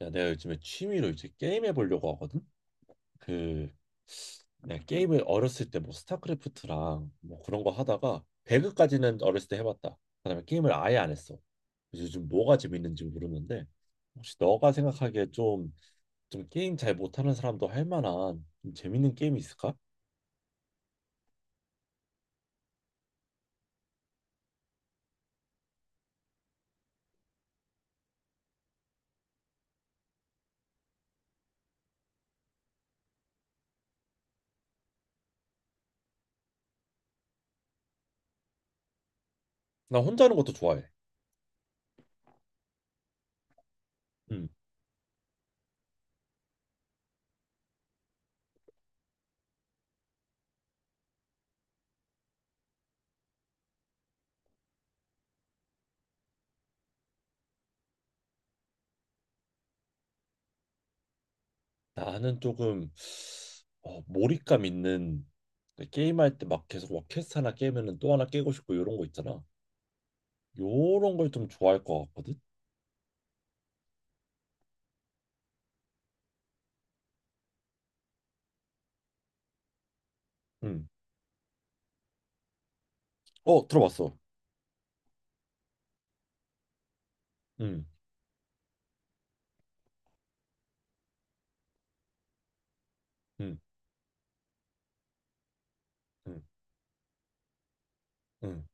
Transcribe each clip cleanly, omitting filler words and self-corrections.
야, 내가 요즘에 취미로 이제 게임 해보려고 하거든. 그 내가 게임을 어렸을 때 뭐 스타크래프트랑 뭐 그런 거 하다가 배그까지는 어렸을 때 해봤다. 그다음에 게임을 아예 안 했어. 그래서 요즘 뭐가 재밌는지 모르는데 혹시 너가 생각하기에 좀 게임 잘 못하는 사람도 할 만한 좀 재밌는 게임이 있을까? 나 혼자 하는 것도 좋아해. 음, 나는 조금 몰입감 있는 그 게임할 때 막 계속 막 퀘스트 하나 깨면은 또 하나 깨고 싶고 이런 거 있잖아. 요런 걸 좀 좋아할 것 같거든. 음. 어, 들어봤어. 음. 음. 음. 음.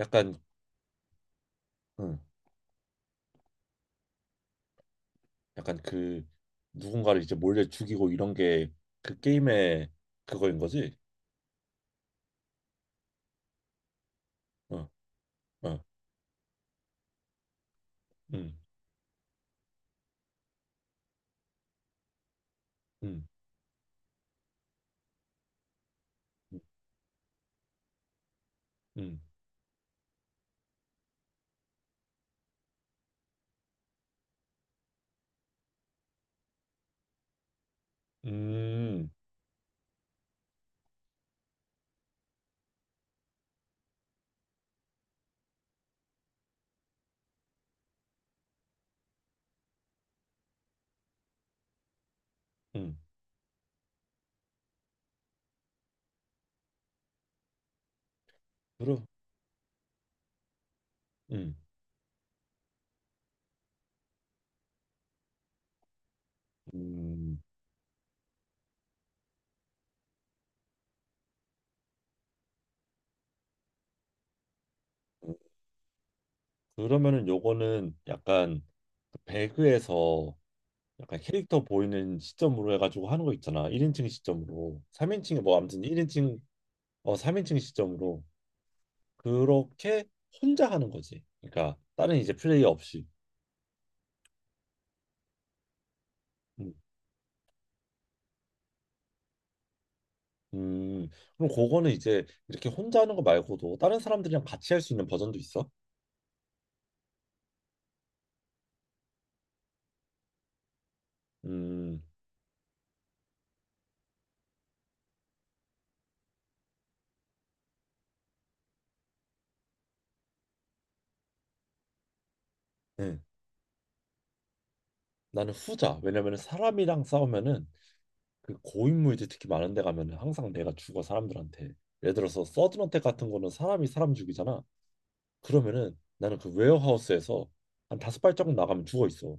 약간 음. 약간 누군가를 이제 몰래 죽이고 이런 게 그 게임의 그거인 거지? 어. 어. 음. 음. 음. 음. 음. 그럼 음. 음. 그러면은 요거는 약간 그 배그에서 약간 캐릭터 보이는 시점으로 해가지고 하는 거 있잖아. 1인칭 시점으로. 3인칭이 뭐 아무튼 1인칭 3인칭 시점으로 그렇게 혼자 하는 거지. 그러니까 다른 이제 플레이 없이. 음. 음, 그럼 그거는 이제 이렇게 혼자 하는 거 말고도 다른 사람들이랑 같이 할 수 있는 버전도 있어? 음, 네. 나는 후자. 왜냐면은 사람이랑 싸우면은 그 고인물들 특히 많은 데 가면은 항상 내가 죽어 사람들한테. 예를 들어서 서든어택 같은 거는 사람이 사람 죽이잖아. 그러면은 나는 그 웨어하우스에서 한 다섯 발자국 나가면 죽어 있어.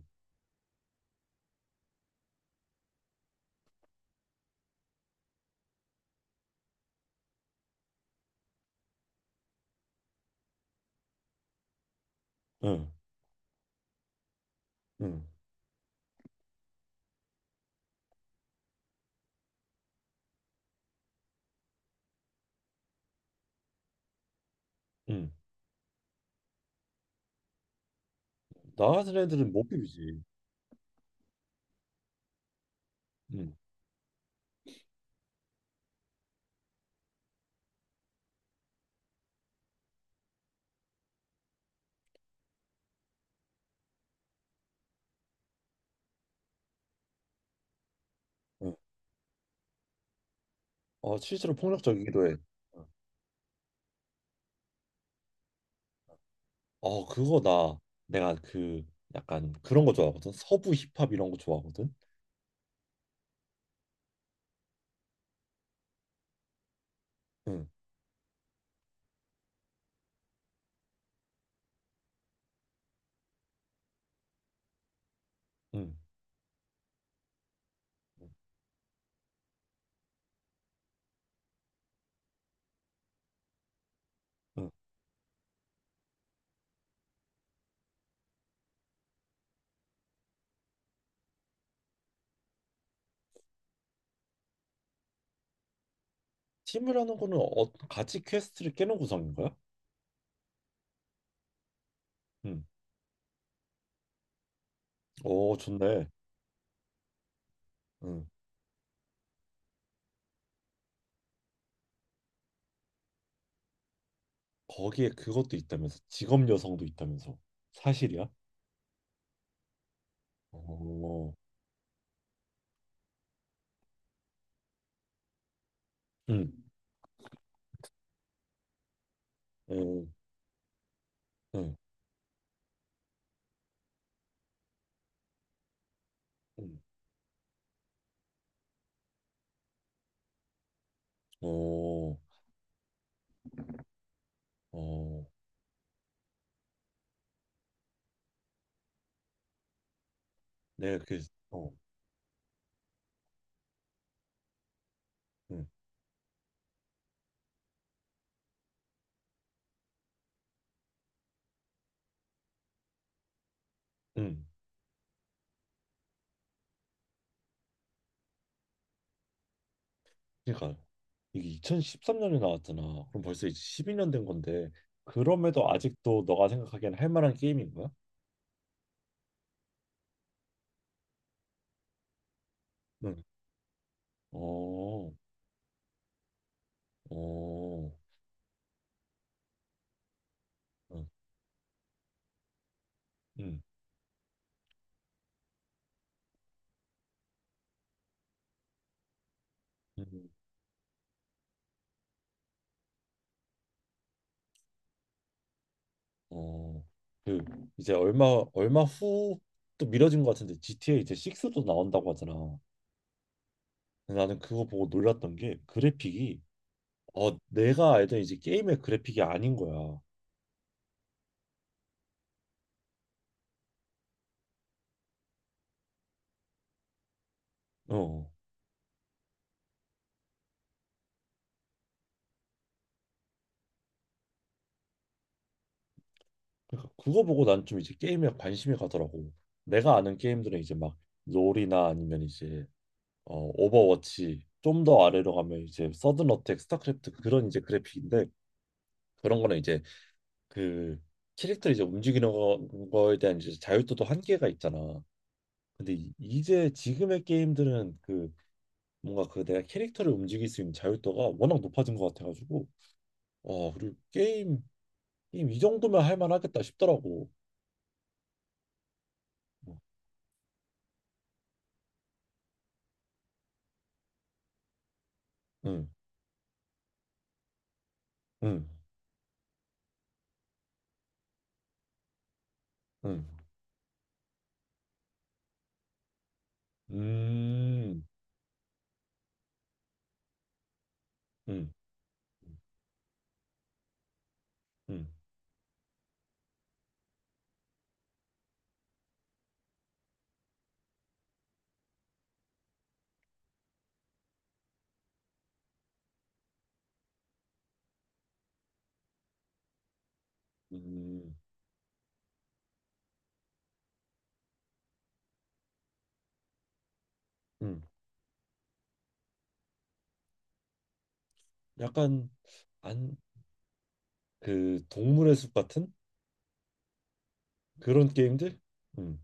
응, 응, 응. 나가는 애들은 못 비비지. 응. 응. 어, 실제로 폭력적이기도 해. 응. 어, 그거 나 내가 약간 그런 거 좋아하거든. 서부 힙합 이런 거 좋아하거든. 응, 응, 응. 응. 팀이라는 거는 같이 퀘스트를 깨는 구성인 거야? 응. 오, 좋네. 응. 거기에 그것도 있다면서 직업 여성도 있다면서 사실이야? 오, 응, 응, 응, 응. 오, 어, 내가 어, 응, 응. 그러니까 이게 2013년에 나왔잖아. 그럼 벌써 이제 12년 된 건데 그럼에도 아직도 너가 생각하기엔 할 만한 게임인 거야? 응. 어, 어, 응, 응, 응. 어. 그 이제 얼마 후 또 미뤄진 것 같은데 GTA 이제 6도 나온다고 하잖아. 근데 나는 그거 보고 놀랐던 게 그래픽이 내가 알던 이제 게임의 그래픽이 아닌 거야. 어. 그러니까 그거 보고 난 좀 이제 게임에 관심이 가더라고. 내가 아는 게임들은 이제 막 롤이나 아니면 이제 오버워치 좀 더 아래로 가면 이제 서든 어택, 스타크래프트 그런 이제 그래픽인데 그런 거는 이제 그 캐릭터 이제 움직이는 거, 거에 대한 이제 자유도도 한계가 있잖아. 근데 이제 지금의 게임들은 뭔가 내가 캐릭터를 움직일 수 있는 자유도가 워낙 높아진 것 같아가지고 와 그리고 게임 이 정도면 할 만하겠다 싶더라고. 뭐, 응, 응, 응. 음, 음, 음, 음, 음. 약간 안, 그 동물의 숲 같은 그런 게임들? 음,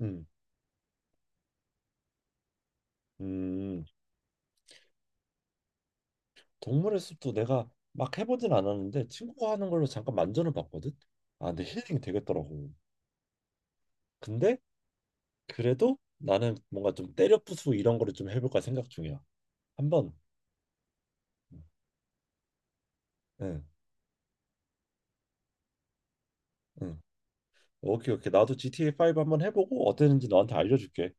음, 음. 동물의 숲도 내가 막 해보진 않았는데 친구가 하는 걸로 잠깐 만전을 봤거든. 아, 근데 힐링이 되겠더라고. 근데 그래도 나는 뭔가 좀 때려 부수고 이런 거를 좀 해볼까 생각 중이야. 한번. 응, 응. 오케이, 오케이. 나도 GTA 5 한번 해보고 어땠는지 너한테 알려줄게.